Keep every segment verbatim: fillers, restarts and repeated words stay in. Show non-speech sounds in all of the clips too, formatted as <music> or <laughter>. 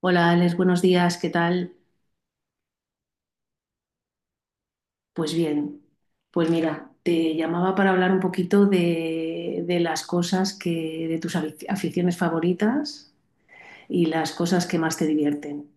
Hola Alex, buenos días, ¿qué tal? Pues bien, pues mira, te llamaba para hablar un poquito de, de las cosas que, de tus afic- aficiones favoritas y las cosas que más te divierten.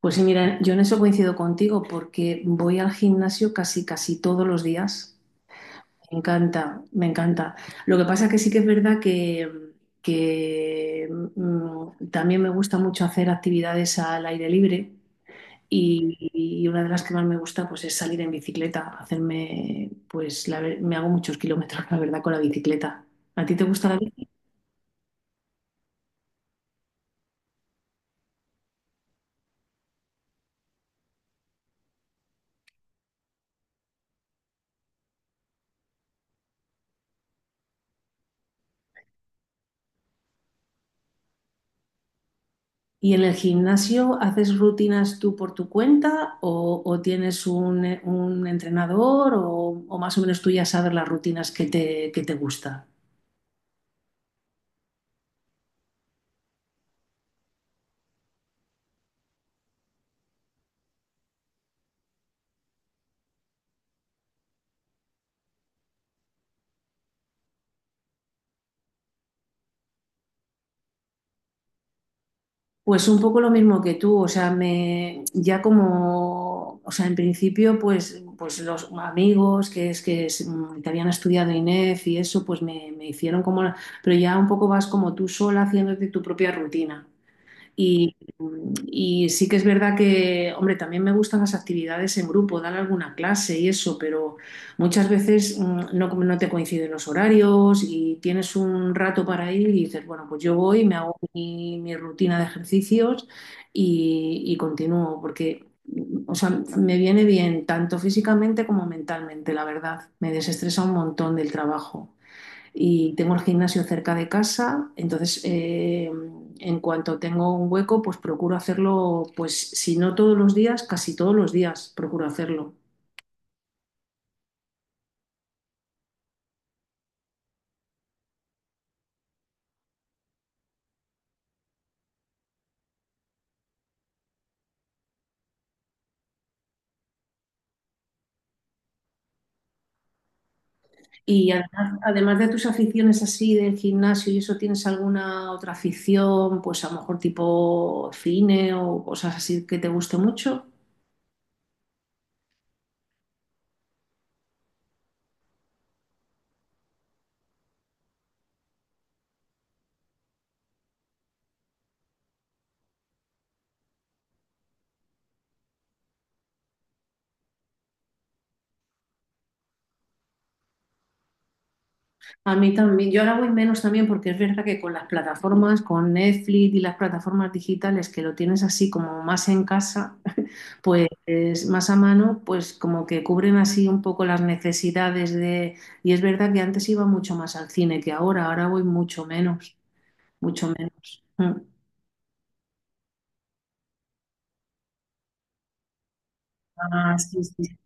Pues sí, mira, yo en eso coincido contigo porque voy al gimnasio casi, casi todos los días. Me encanta, me encanta. Lo que pasa que sí que es verdad que, que, mm, también me gusta mucho hacer actividades al aire libre. Y, y una de las que más me gusta pues, es salir en bicicleta, hacerme, pues la ver- me hago muchos kilómetros, la verdad, con la bicicleta. ¿A ti te gusta la bicicleta? ¿Y en el gimnasio haces rutinas tú por tu cuenta o, o tienes un, un entrenador o, o más o menos tú ya sabes las rutinas que te, que te gusta? Pues un poco lo mismo que tú, o sea, me ya como, o sea, en principio, pues, pues los amigos que es que es, mm, te habían estudiado INEF y eso, pues me, me hicieron como, la- pero ya un poco vas como tú sola haciéndote tu propia rutina. Y, y sí que es verdad que, hombre, también me gustan las actividades en grupo, dar alguna clase y eso, pero muchas veces mm, no, no te coinciden los horarios y tienes un rato para ir y dices, bueno, pues yo voy, me hago mi, mi rutina de ejercicios y, y continúo, porque, mm, o sea, me viene bien tanto físicamente como mentalmente, la verdad, me desestresa un montón del trabajo y tengo el gimnasio cerca de casa, entonces eh, en cuanto tengo un hueco, pues procuro hacerlo, pues si no todos los días, casi todos los días procuro hacerlo. Y además, además de tus aficiones así del gimnasio y eso, ¿tienes alguna otra afición, pues a lo mejor tipo cine o cosas así que te guste mucho? A mí también, yo ahora voy menos también porque es verdad que con las plataformas, con Netflix y las plataformas digitales que lo tienes así como más en casa, pues más a mano, pues como que cubren así un poco las necesidades de... Y es verdad que antes iba mucho más al cine que ahora, ahora, voy mucho menos, mucho menos. Mm. Ah, sí, sí.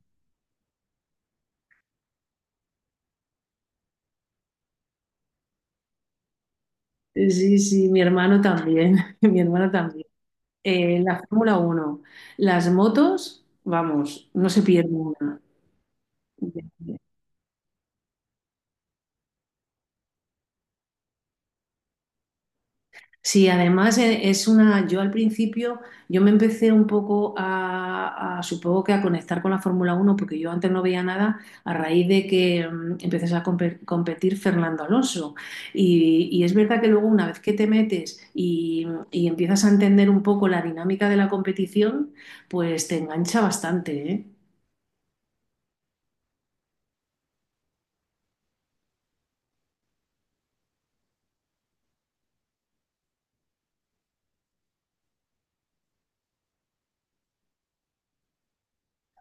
Sí, sí, mi hermano también, <laughs> mi hermano también. Eh, la Fórmula Uno, las motos, vamos, no se pierde una. Sí, además e- es una, yo al principio, yo me empecé un poco a, a, supongo que a conectar con la Fórmula Uno, porque yo antes no veía nada a raíz de que mm, empezase a compe- competir Fernando Alonso. Y, y es verdad que luego una vez que te metes y, y empiezas a entender un poco la dinámica de la competición, pues te engancha bastante, ¿eh?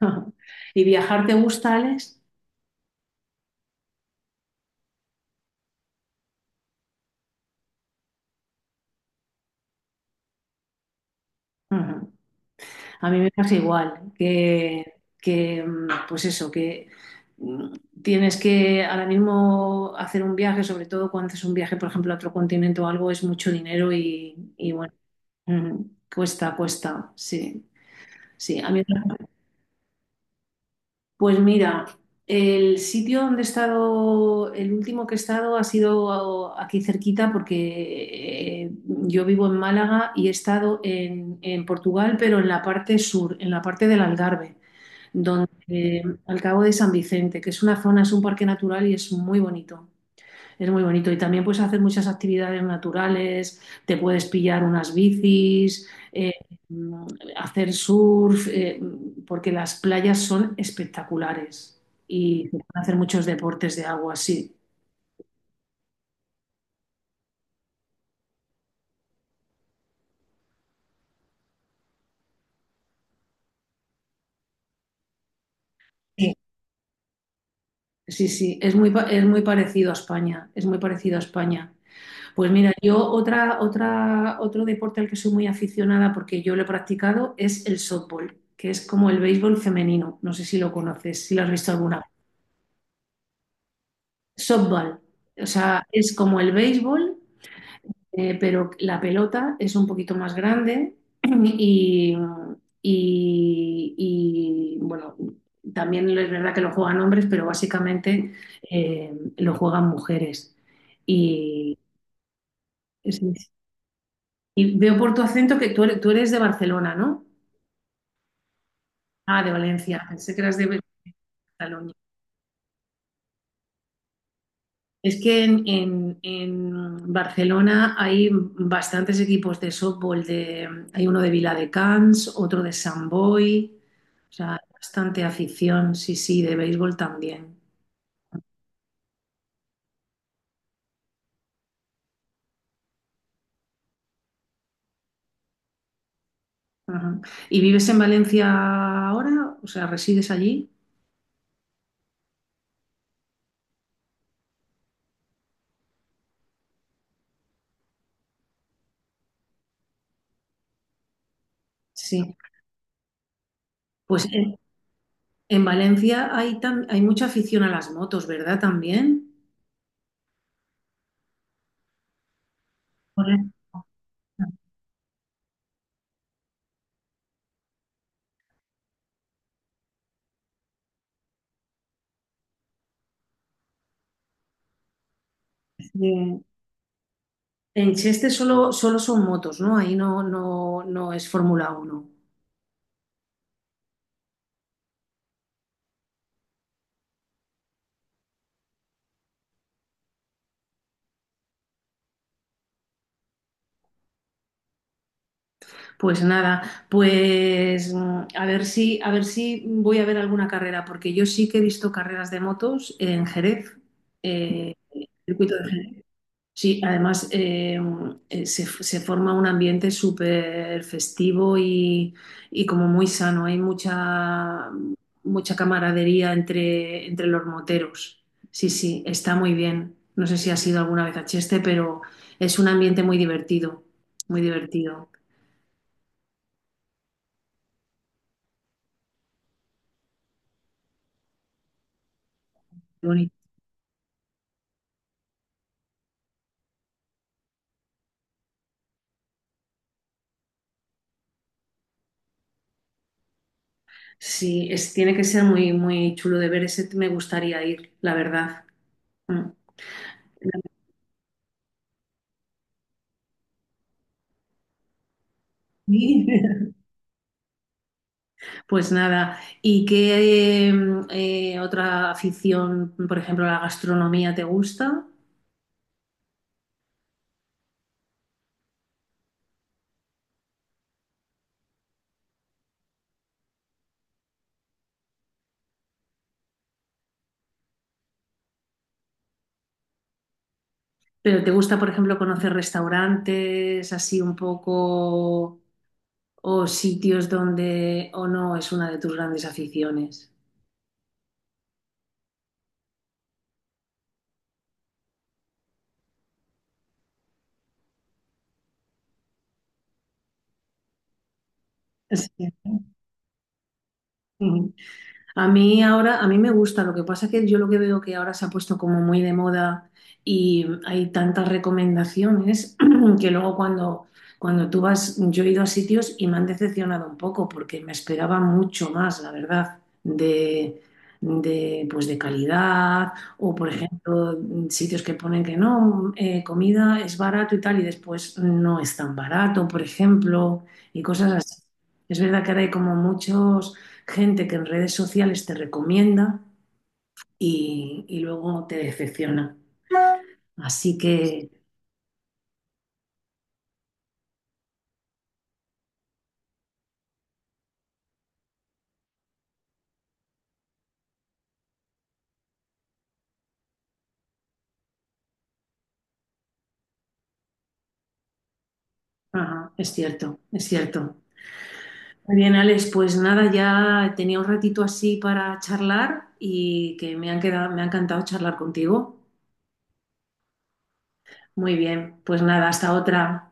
<laughs> ¿Y viajar te gusta, Alex? Ujú. A mí me pasa igual, que, que, mm, pues eso, que mm, tienes que ahora mismo hacer un viaje, sobre todo cuando haces un viaje, por ejemplo, a otro continente o algo, es mucho dinero y, y bueno, mm, cuesta, cuesta, sí, sí. A mí, pues mira, el sitio donde he estado, el último que he estado ha sido aquí cerquita porque eh, yo vivo en Málaga y he estado en en Portugal, pero en la parte sur, en la parte del Algarve donde al cabo de San Vicente, que es una zona, es un parque natural y es muy bonito. Es muy bonito y también puedes hacer muchas actividades naturales, te puedes pillar unas bicis, eh, hacer surf, eh, porque las playas son espectaculares y se pueden hacer muchos deportes de agua, sí. Sí. Sí, sí, es muy, pa- es muy parecido a España, es muy parecido a España. Pues mira, yo otra, otra, otro deporte al que soy muy aficionada porque yo lo he practicado es el softball, que es como el béisbol femenino. No sé si lo conoces, si lo has visto alguna vez. Softball, o sea, es como el béisbol, eh, pero la pelota es un poquito más grande <clears throat> y, y- y, bueno, también es verdad que lo juegan hombres, pero básicamente eh, lo juegan mujeres. Y, sí, Y veo por tu acento que tú eres, tú eres de Barcelona, ¿no? Ah, de Valencia. Pensé que eras de Cataluña. Es que en, en- en Barcelona hay bastantes equipos de softball. De, hay uno de Viladecans, otro de Sant Boi. O sea, hay bastante afición, sí, sí, de béisbol también. Ajá. ¿Y vives en Valencia ahora? O sea, ¿resides allí? Sí. Pues en, en Valencia hay, tan hay mucha afición a las motos, ¿verdad? También. Correcto. Sí. En Cheste solo, solo son motos, ¿no? Ahí no, no, no es Fórmula Uno. Pues nada, pues mm, a ver si, a ver si voy a ver alguna carrera, porque yo sí que he visto carreras de motos en Jerez, eh, circuito de Jerez. Sí, además eh, eh, se, se forma un ambiente súper festivo y, y como muy sano. Hay mucha, mucha camaradería entre, entre los moteros. Sí, sí, está muy bien. No sé si has ido alguna vez a Cheste, pero es un ambiente muy divertido, muy divertido. Qué bonito. Sí, es, tiene que ser muy, muy chulo de ver. Ese me gustaría ir, la verdad. Mm. Sí. Pues nada, ¿y qué mm, eh, otra afición, por ejemplo, la gastronomía te gusta? ¿Pero te gusta, por ejemplo, conocer restaurantes así un poco o sitios donde o no es una de tus grandes aficiones? Sí. A mí ahora, a mí me gusta, lo que pasa es que yo lo que veo que ahora se ha puesto como muy de moda y hay tantas recomendaciones <clears throat> que luego cuando, cuando tú vas, yo he ido a sitios y me han decepcionado un poco porque me esperaba mucho más, la verdad, de, de, pues de calidad o, por ejemplo, sitios que ponen que no, eh, comida es barato y tal y después no es tan barato, por ejemplo, y cosas así. Es verdad que ahora hay como muchos gente que en redes sociales te recomienda y, y luego te decepciona. Así que ajá, es cierto, es cierto. Muy bien, Alex, pues nada, ya tenía un ratito así para charlar y que me han quedado, me ha encantado charlar contigo. Muy bien, pues nada, hasta otra.